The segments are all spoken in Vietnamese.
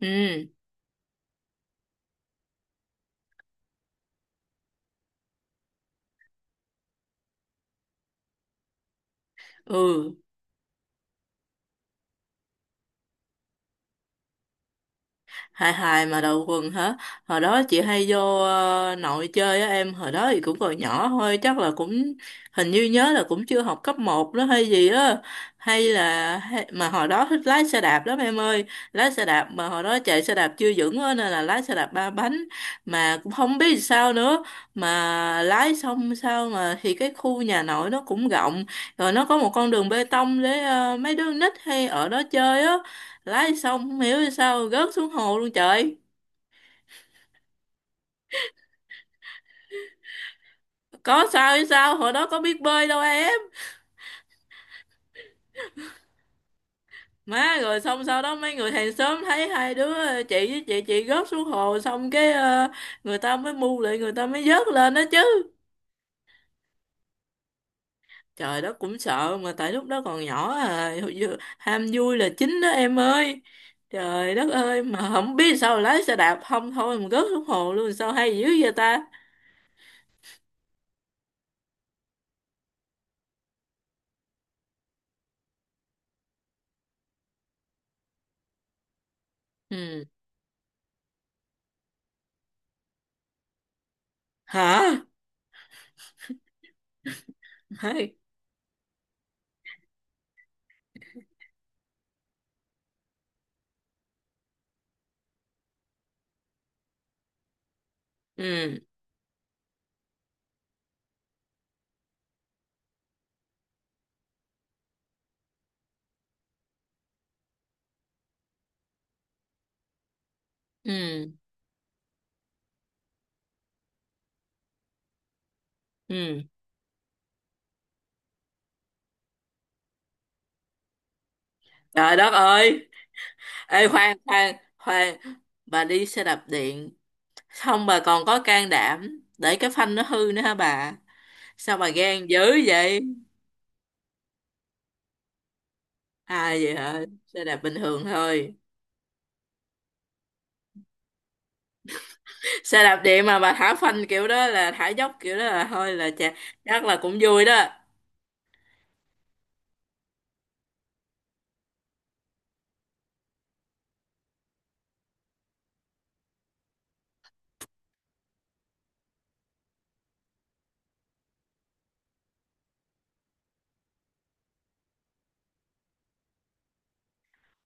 Ừ, ừ, hài hài mà đầu quần hả? Hồi đó chị hay vô nội chơi á em, hồi đó thì cũng còn nhỏ thôi, chắc là cũng hình như nhớ là cũng chưa học cấp một đó hay gì á. Hay là hay, mà hồi đó thích lái xe đạp lắm em ơi, lái xe đạp mà hồi đó chạy xe đạp chưa vững á nên là lái xe đạp ba bánh, mà cũng không biết sao nữa mà lái xong sao mà, thì cái khu nhà nội nó cũng rộng, rồi nó có một con đường bê tông để mấy đứa nít hay ở đó chơi á. Lái xong không hiểu vì sao rớt xuống hồ luôn trời, có sao hay sao, hồi đó có biết bơi đâu em. Má, rồi xong sau đó mấy người hàng xóm thấy hai đứa chị với chị rớt xuống hồ, xong cái người ta mới mu lại, người ta mới vớt lên đó chứ. Trời, đó cũng sợ mà tại lúc đó còn nhỏ à, hồi ham vui là chính đó em ơi. Trời đất ơi, mà không biết sao lái xe đạp không thôi mà rớt xuống hồ luôn, sao hay dữ vậy ta. Ừ. Hả? Hay. Ừ, ừ, ừ. Trời đất ơi, ê khoan khoan khoan, bà đi xe đạp điện, xong bà còn có can đảm để cái phanh nó hư nữa hả bà? Sao bà gan dữ vậy? À vậy hả? Xe đạp bình thường thôi. Xe đạp điện mà bà thả phanh kiểu đó, là thả dốc kiểu đó là thôi là chà, chắc là cũng vui đó.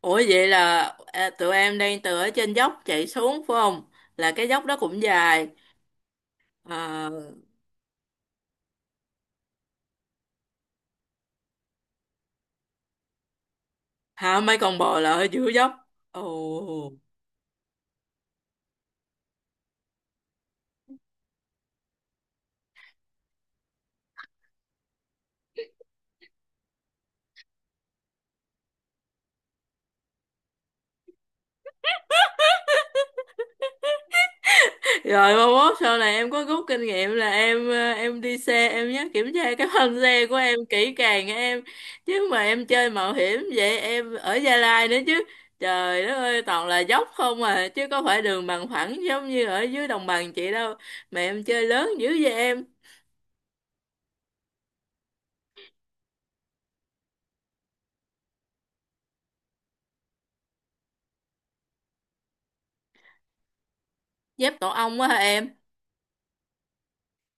Ủa vậy là à, tụi em đang từ ở trên dốc chạy xuống phải không? Là cái dốc đó cũng dài. À, hả, mấy con bò là ở giữa dốc. Ồ. Rồi mai mốt sau này em có rút kinh nghiệm là em đi xe, em nhớ kiểm tra cái phanh xe của em kỹ càng nha em, chứ mà em chơi mạo hiểm vậy, em ở Gia Lai nữa chứ, trời đất ơi toàn là dốc không à, chứ có phải đường bằng phẳng giống như ở dưới đồng bằng chị đâu, mà em chơi lớn dữ vậy em. Dép tổ ong quá hả em?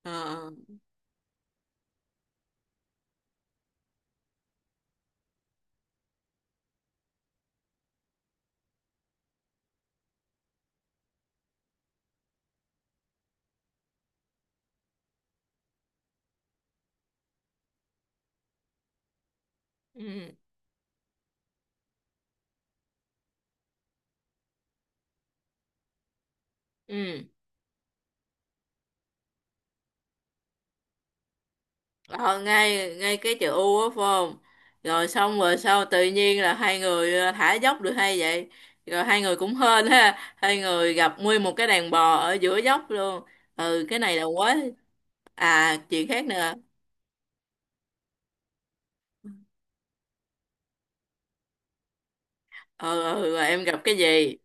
Ờ. Ừ, ừ. Ờ, ngay ngay cái chữ U á phải không, rồi xong rồi sau tự nhiên là hai người thả dốc được, hay vậy, rồi hai người cũng hên ha, hai người gặp nguyên một cái đàn bò ở giữa dốc luôn. Ừ, cái này là quá. À, chuyện khác nữa. Ờ, ờ, ừ mà em gặp cái gì.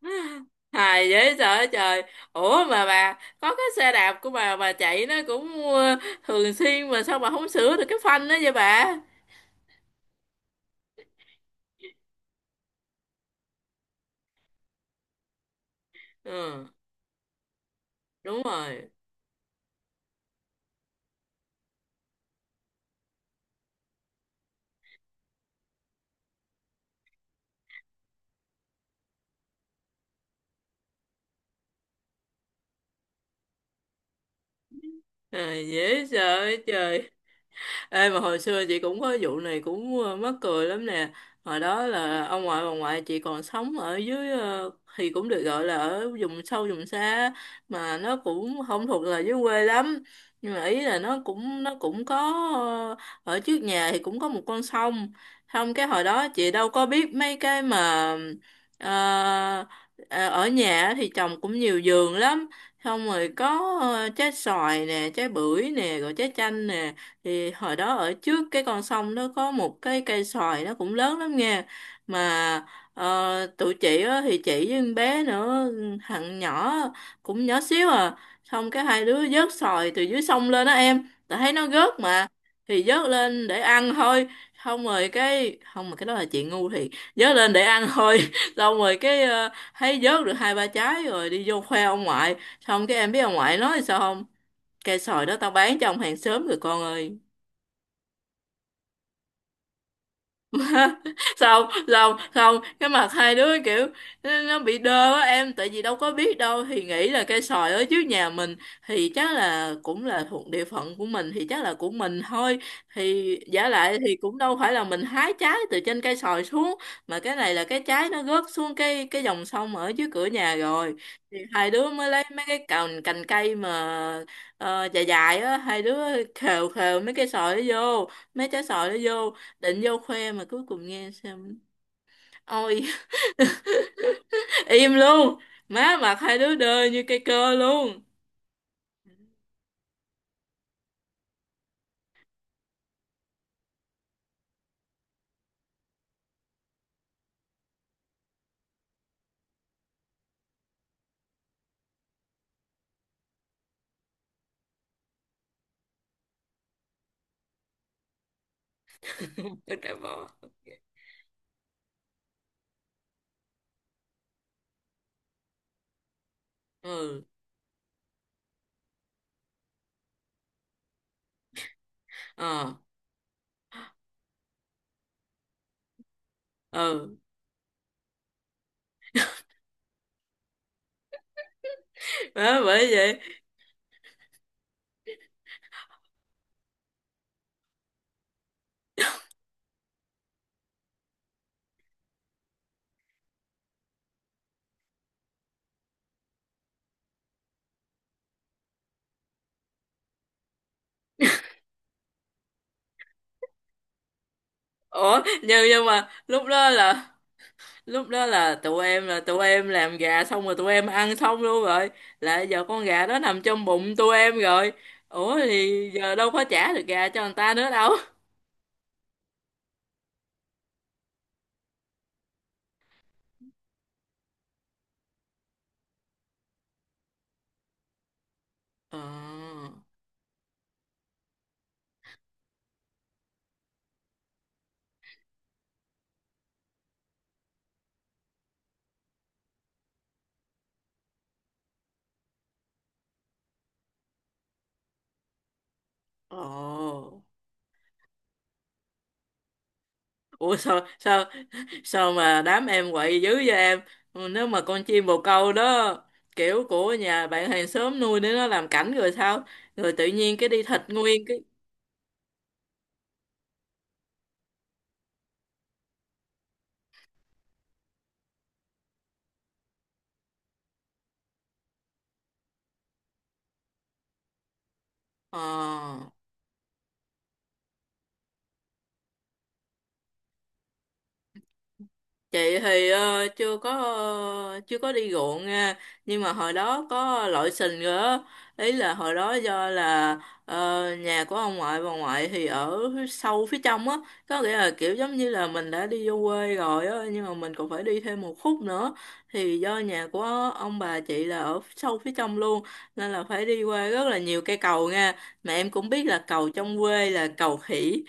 Hài dễ sợ trời. Ủa mà bà có cái xe đạp của bà chạy nó cũng thường xuyên, mà sao bà không sửa được cái phanh đó vậy bà. Ừ, đúng rồi. À, dễ sợ trời. Ê, mà hồi xưa chị cũng có vụ này cũng mắc cười lắm nè. Hồi đó là ông ngoại bà ngoại chị còn sống ở dưới thì cũng được gọi là ở vùng sâu vùng xa, mà nó cũng không thuộc là dưới quê lắm. Nhưng mà ý là nó cũng có ờ, ở trước nhà thì cũng có một con sông. Không, cái hồi đó chị đâu có biết mấy cái mà ờ, ờ, ở nhà thì trồng cũng nhiều vườn lắm. Xong rồi có trái xoài nè, trái bưởi nè, rồi trái chanh nè, thì hồi đó ở trước cái con sông đó có một cái cây xoài nó cũng lớn lắm nha, mà tụi chị á, thì chị với con bé nữa, thằng nhỏ cũng nhỏ xíu à, xong cái hai đứa vớt xoài từ dưới sông lên đó em, tại thấy nó rớt mà, thì vớt lên để ăn thôi. Xong rồi cái không, mà cái đó là chuyện ngu, thì vớt lên để ăn thôi. Xong rồi cái thấy vớt được hai ba trái rồi đi vô khoe ông ngoại, xong cái em biết ông ngoại nói sao không, cây xoài đó tao bán cho ông hàng xóm rồi con ơi. Mà sao sao không, cái mặt hai đứa kiểu, nó bị đơ á em, tại vì đâu có biết đâu, thì nghĩ là cây xoài ở trước nhà mình thì chắc là cũng là thuộc địa phận của mình, thì chắc là của mình thôi, thì giả lại thì cũng đâu phải là mình hái trái từ trên cây xoài xuống, mà cái này là cái trái nó rớt xuống cái dòng sông ở dưới cửa nhà rồi, thì hai đứa mới lấy mấy cái cành cành cây mà dài dài á, hai đứa khều khều mấy cây xoài nó vô, mấy trái xoài nó vô, định vô khoe, mà cuối cùng nghe xem. Ôi. Im luôn. Má, mặt hai đứa đơ như cây cơ luôn. Tôi cả bò. Ừ. Ờ. Ừ. Má bởi vậy. Ủa, nhưng mà lúc đó là, tụi em làm gà xong rồi, tụi em ăn xong luôn rồi, là giờ con gà đó nằm trong bụng tụi em rồi, ủa thì giờ đâu có trả được gà cho người ta nữa đâu. Ờ. Ồ. Ủa sao sao sao mà đám em quậy dữ vậy em. Ừ, nếu mà con chim bồ câu đó kiểu của nhà bạn hàng xóm nuôi để nó làm cảnh rồi sao, rồi tự nhiên cái đi thịt nguyên cái. Ờ, chị thì chưa có, chưa có đi ruộng nha, nhưng mà hồi đó có lội sình rồi á. Ý là hồi đó do là nhà của ông ngoại bà ngoại thì ở sâu phía trong á, có nghĩa là kiểu giống như là mình đã đi vô quê rồi á, nhưng mà mình còn phải đi thêm một khúc nữa, thì do nhà của ông bà chị là ở sâu phía trong luôn, nên là phải đi qua rất là nhiều cây cầu nha, mà em cũng biết là cầu trong quê là cầu khỉ.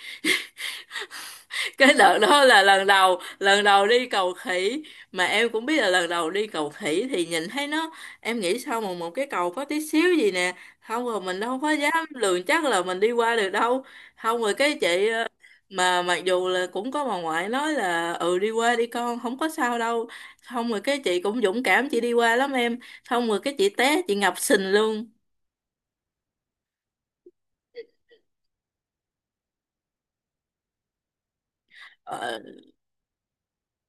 Cái đợt đó là lần đầu đi cầu khỉ, mà em cũng biết là lần đầu đi cầu khỉ thì nhìn thấy nó, em nghĩ sao mà một cái cầu có tí xíu gì nè, không rồi mình đâu có dám lường chắc là mình đi qua được đâu, không rồi cái chị mà mặc dù là cũng có bà ngoại nói là ừ đi qua đi con không có sao đâu, xong rồi cái chị cũng dũng cảm chị đi qua lắm em, xong rồi cái chị té chị ngập sình luôn. Ờ,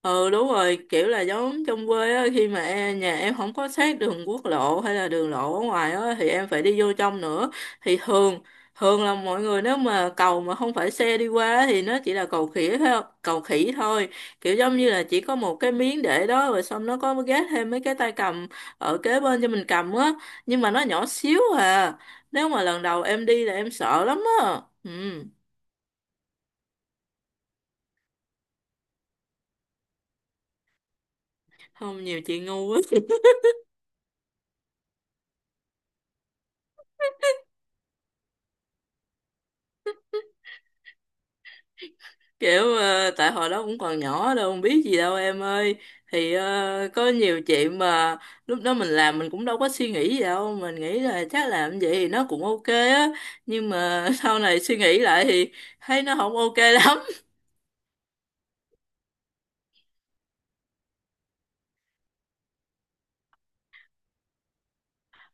ừ đúng rồi, kiểu là giống trong quê á, khi mà em, nhà em không có sát đường quốc lộ hay là đường lộ ở ngoài á, thì em phải đi vô trong nữa, thì thường thường là mọi người, nếu mà cầu mà không phải xe đi qua thì nó chỉ là cầu khỉ thôi, cầu khỉ thôi, kiểu giống như là chỉ có một cái miếng để đó, rồi xong nó có gác thêm mấy cái tay cầm ở kế bên cho mình cầm á, nhưng mà nó nhỏ xíu à, nếu mà lần đầu em đi là em sợ lắm á. Ừ, không, nhiều chuyện ngu quá, kiểu tại hồi đó cũng còn nhỏ đâu không biết gì đâu em ơi, thì có nhiều chuyện mà lúc đó mình làm mình cũng đâu có suy nghĩ gì đâu, mình nghĩ là chắc làm vậy thì nó cũng ok á, nhưng mà sau này suy nghĩ lại thì thấy nó không ok lắm.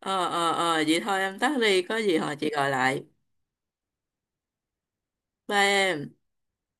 Ờ, ờ, ờ, vậy thôi em tắt đi, có gì hồi chị gọi lại. Bye em.